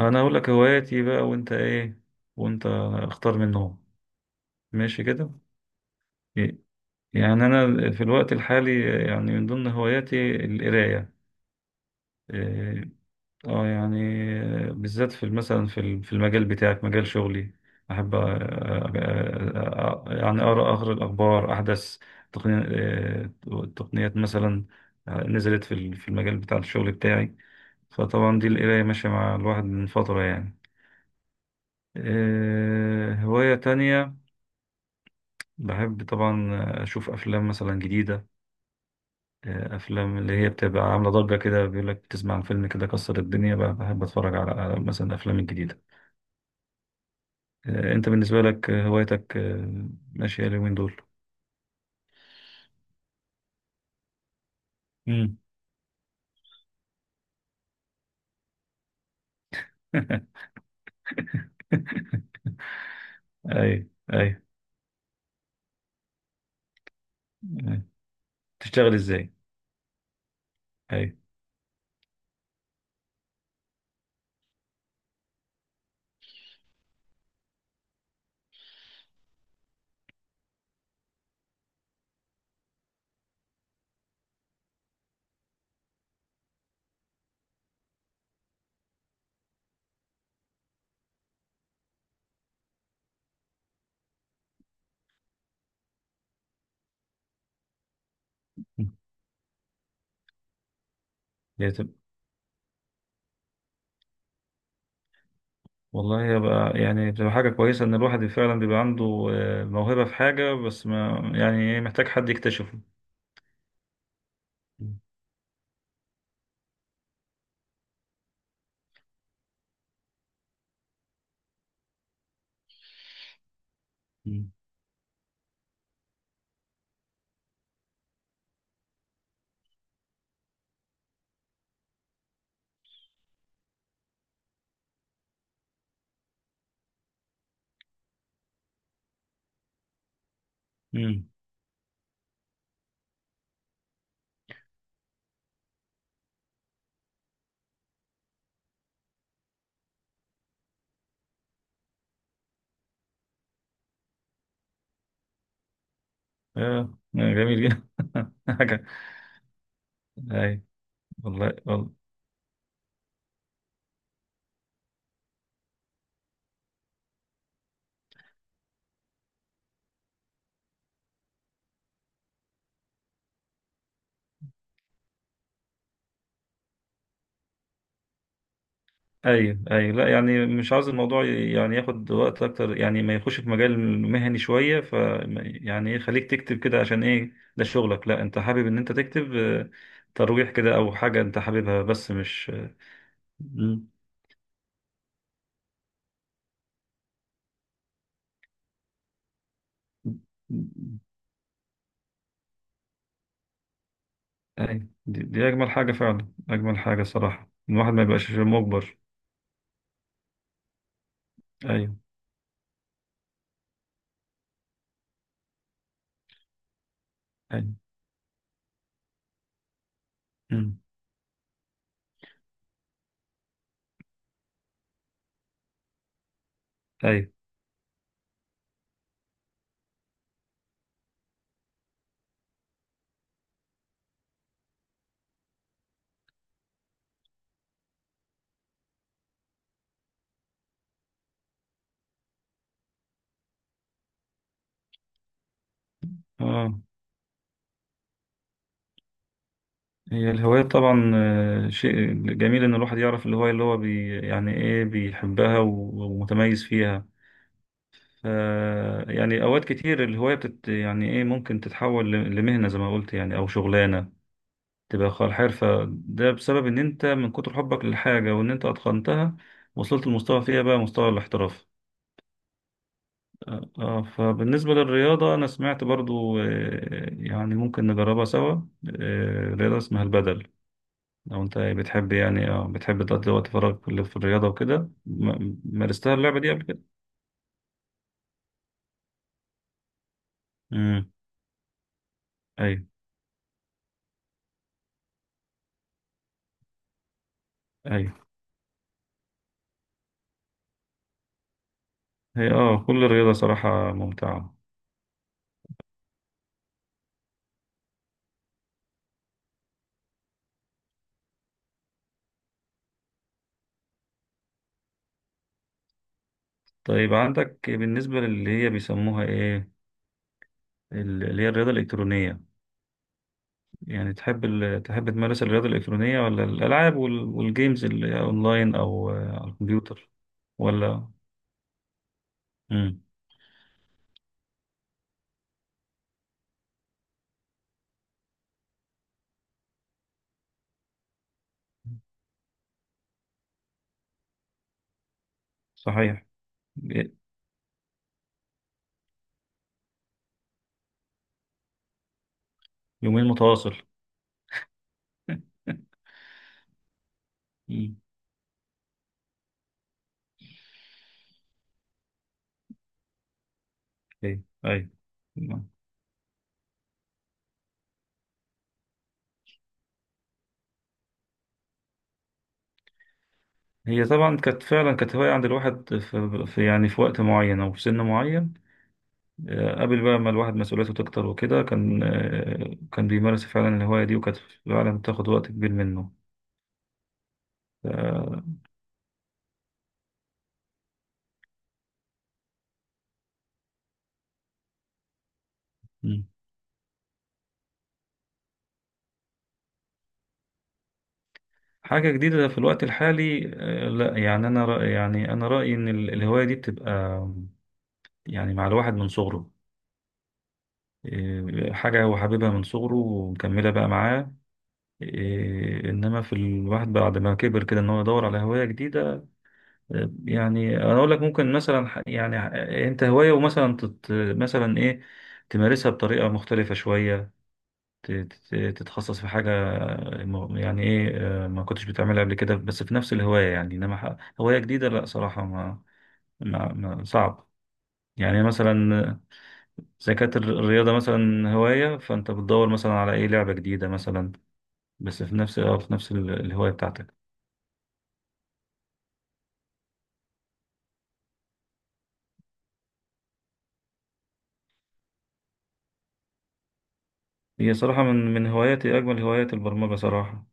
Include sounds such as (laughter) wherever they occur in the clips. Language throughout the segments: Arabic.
انا اقول لك هواياتي بقى، وانت ايه؟ وانت اختار منهم. ماشي كده. إيه، يعني انا في الوقت الحالي، يعني من ضمن هواياتي القرايه. إيه، اه يعني بالذات في مثلا في في المجال بتاعك، مجال شغلي. احب يعني اقرا اخر الاخبار، احدث تقني- تقنيات مثلا نزلت في في المجال بتاع الشغل بتاعي. فطبعا دي القرايه ماشيه مع الواحد من فتره يعني. هواية تانية، بحب طبعا اشوف افلام مثلا جديده، افلام اللي هي بتبقى عامله ضجه كده، بيقول لك بتسمع عن فيلم كده كسر الدنيا بقى، بحب اتفرج على مثلا الافلام الجديده. انت بالنسبه لك هوايتك ماشيه اليومين دول؟ امم. (laughs) اي، اي، أي. (laughs) تشتغل ازاي؟ اي. هي تب- والله يبقى، يعني بتبقى حاجه كويسه ان الواحد فعلا بيبقى عنده موهبه في حاجه، بس ما يعني إيه، محتاج حد يكتشفه. امم، امم، آه، آه، جميل جدا. (laughs) حاجة. اي. والله، والله. ايوه، ايوه، لا يعني مش عاوز الموضوع يعني ياخد وقت اكتر، يعني ما يخش في مجال مهني شويه، ف... يعني ايه خليك تكتب كده، عشان ايه ده شغلك؟ لا، انت حابب ان انت تكتب ترويح كده او حاجه انت حاببها، بس مش... مم. ايوه، دي اجمل حاجه فعلا، اجمل حاجه صراحه، الواحد ما يبقاش مجبر. ايوه، ايوه. مم. ايوه. اه. هي الهواية طبعا، شيء جميل إن الواحد يعرف الهواية اللي هو بي يعني إيه بيحبها ومتميز فيها، ف... يعني أوقات كتير الهواية بتت، يعني إيه، ممكن تتحول لمهنة زي ما قلت، يعني أو شغلانة تبقى حرفة، ده بسبب إن أنت من كتر حبك للحاجة، وإن أنت أتقنتها، وصلت لمستوى فيها بقى مستوى الاحتراف. فبالنسبة للرياضة، أنا سمعت برضو، يعني ممكن نجربها سوا، رياضة اسمها البدل. لو انت بتحب، يعني بتحب تقضي وقت فراغك في في الرياضة وكده، مارستها اللعبة دي قبل كده؟ امم. ايوه، ايوه. هي كل الرياضة صراحة ممتعة. طيب عندك بالنسبة للي هي بيسموها ايه، اللي هي الرياضة الإلكترونية، يعني تحب تحب تمارس الرياضة الإلكترونية، ولا الألعاب والجيمز اللي أونلاين، أو على الكمبيوتر؟ ولا... امم. صحيح. يومين متواصل. (laughs) امم. ايوه، ايوه. هي طبعا كانت فعلا، كانت هواية عند الواحد في يعني في وقت معين أو في سن معين. قبل بقى ما الواحد مسؤوليته تكتر وكده، كان كان بيمارس فعلا الهواية دي، وكانت فعلا بتاخد وقت كبير منه، ف- مم. حاجة جديدة في الوقت الحالي، لا يعني أنا رأي، يعني أنا رأيي إن الهواية دي بتبقى يعني مع الواحد من صغره، حاجة هو حاببها من صغره ومكملة بقى معاه، إنما في الواحد بعد ما كبر كده، إن هو يدور على هواية جديدة. يعني انا اقول لك ممكن مثلا انت هوايه، ومثلا تت... مثلا ايه، تمارسها بطريقه مختلفه شويه، تتخصص في حاجه، يعني ايه، ما كنتش بتعملها قبل كده، بس في نفس الهوايه يعني، انما هوايه جديده لا صراحه ما صعب. يعني مثلا زي كانت الرياضه مثلا هوايه، فانت بتدور مثلا على ايه لعبه جديده مثلا، بس في نفس الهوايه بتاعتك. هي صراحه من هواياتي، اجمل هوايات البرمجه صراحه.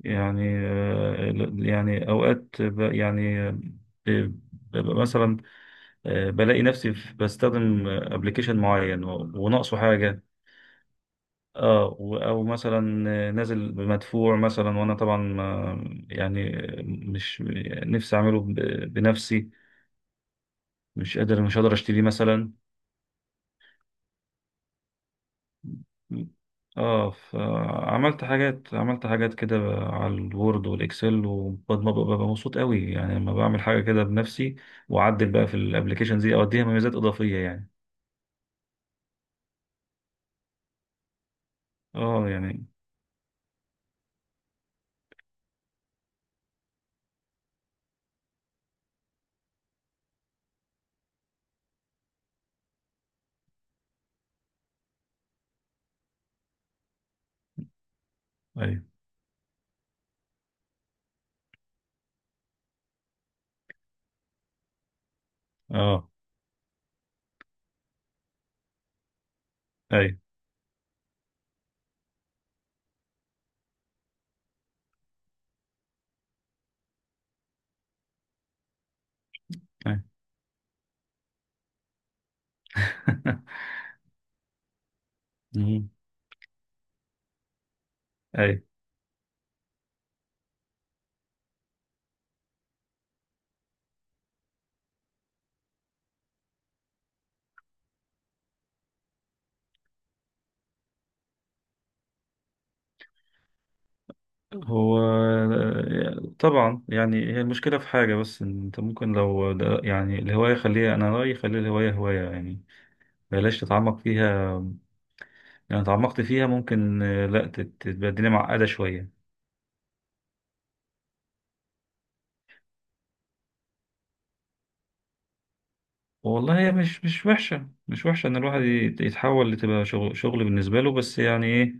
يعني يعني اوقات يعني ببقى مثلا، بلاقي نفسي بستخدم ابلكيشن معين وناقصه حاجه. اه او مثلا نازل بمدفوع مثلا، وانا طبعا يعني مش نفسي اعمله بنفسي، مش قادر اشتريه مثلا. اه، فعملت حاجات عملت حاجات كده على الوورد والاكسل، وببقى مبسوط قوي، يعني لما بعمل حاجه كده بنفسي، واعدل بقى في الابلكيشن دي او اديها مميزات اضافيه يعني. اه يعني. ايوه. اه. ايوه، ايوه. (laughs) مم. ايوه. هو طبعا، يعني هي المشكله في حاجه، بس إن انت ممكن لو ده، يعني الهوايه خليها، انا رايي خلي الهوايه هوايه، يعني بلاش تتعمق فيها، لو تعمقت فيها ممكن لا تبقى الدنيا معقدة شوية. والله، هي مش وحشة، مش وحشة، إن الواحد يتحول لتبقى شغل، شغل بالنسبة له، بس يعني إيه،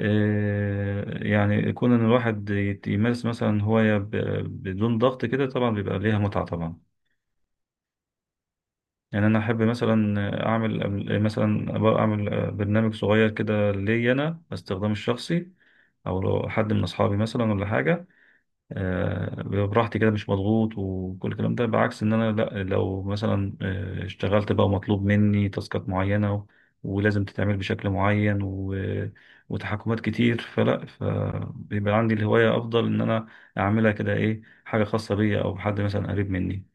يعني يكون إن الواحد يمارس مثلا هواية بدون ضغط كده، طبعا بيبقى ليها متعة طبعا. يعني أنا أحب مثلا أعمل، مثلا أبقى أعمل برنامج صغير كده ليا أنا، باستخدامي الشخصي، أو لو حد من أصحابي مثلا ولا حاجة. بيبقى براحتي كده، مش مضغوط، وكل الكلام ده، بعكس ان انا لا، لو مثلا اشتغلت بقى، مطلوب مني تاسكات معينة، ولازم تتعمل بشكل معين، و- وتحكمات كتير، فلا، فبيبقى عندي الهواية افضل ان انا اعملها كده، ايه حاجة خاصة بيا او حد مثلا قريب مني.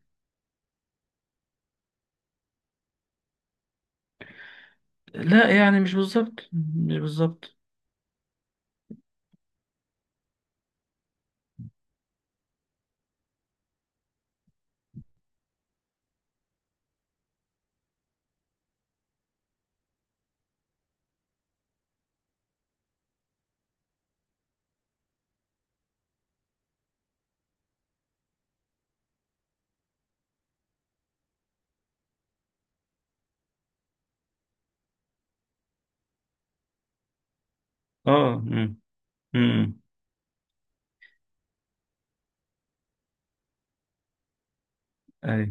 لا، يعني مش بالظبط مش بالظبط. اه. امم، امم. اي.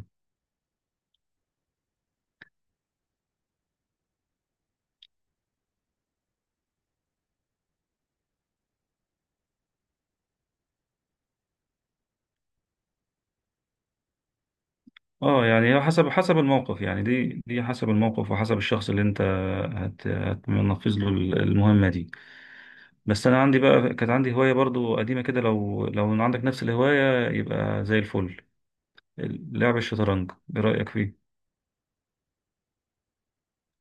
اه يعني هو حسب الموقف، يعني دي حسب الموقف، وحسب الشخص اللي انت هتنفذ له المهمة دي. بس انا عندي بقى، كانت عندي هوايه برضو قديمه كده، لو عندك نفس الهوايه يبقى زي الفل. لعب الشطرنج، ايه رايك فيه؟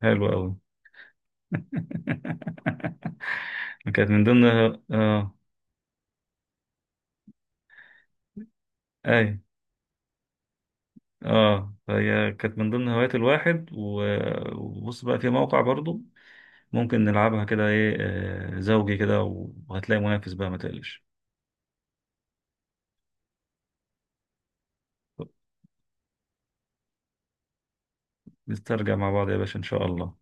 حلو قوي. (laughs) كانت من ضمن اه. اي. اه. فهي كانت من ضمن هوايات الواحد، وبص بقى في موقع برضو ممكن نلعبها كده، ايه زوجي كده، وهتلاقي منافس بقى ما تقلقش. نسترجع مع بعض يا باشا ان شاء الله.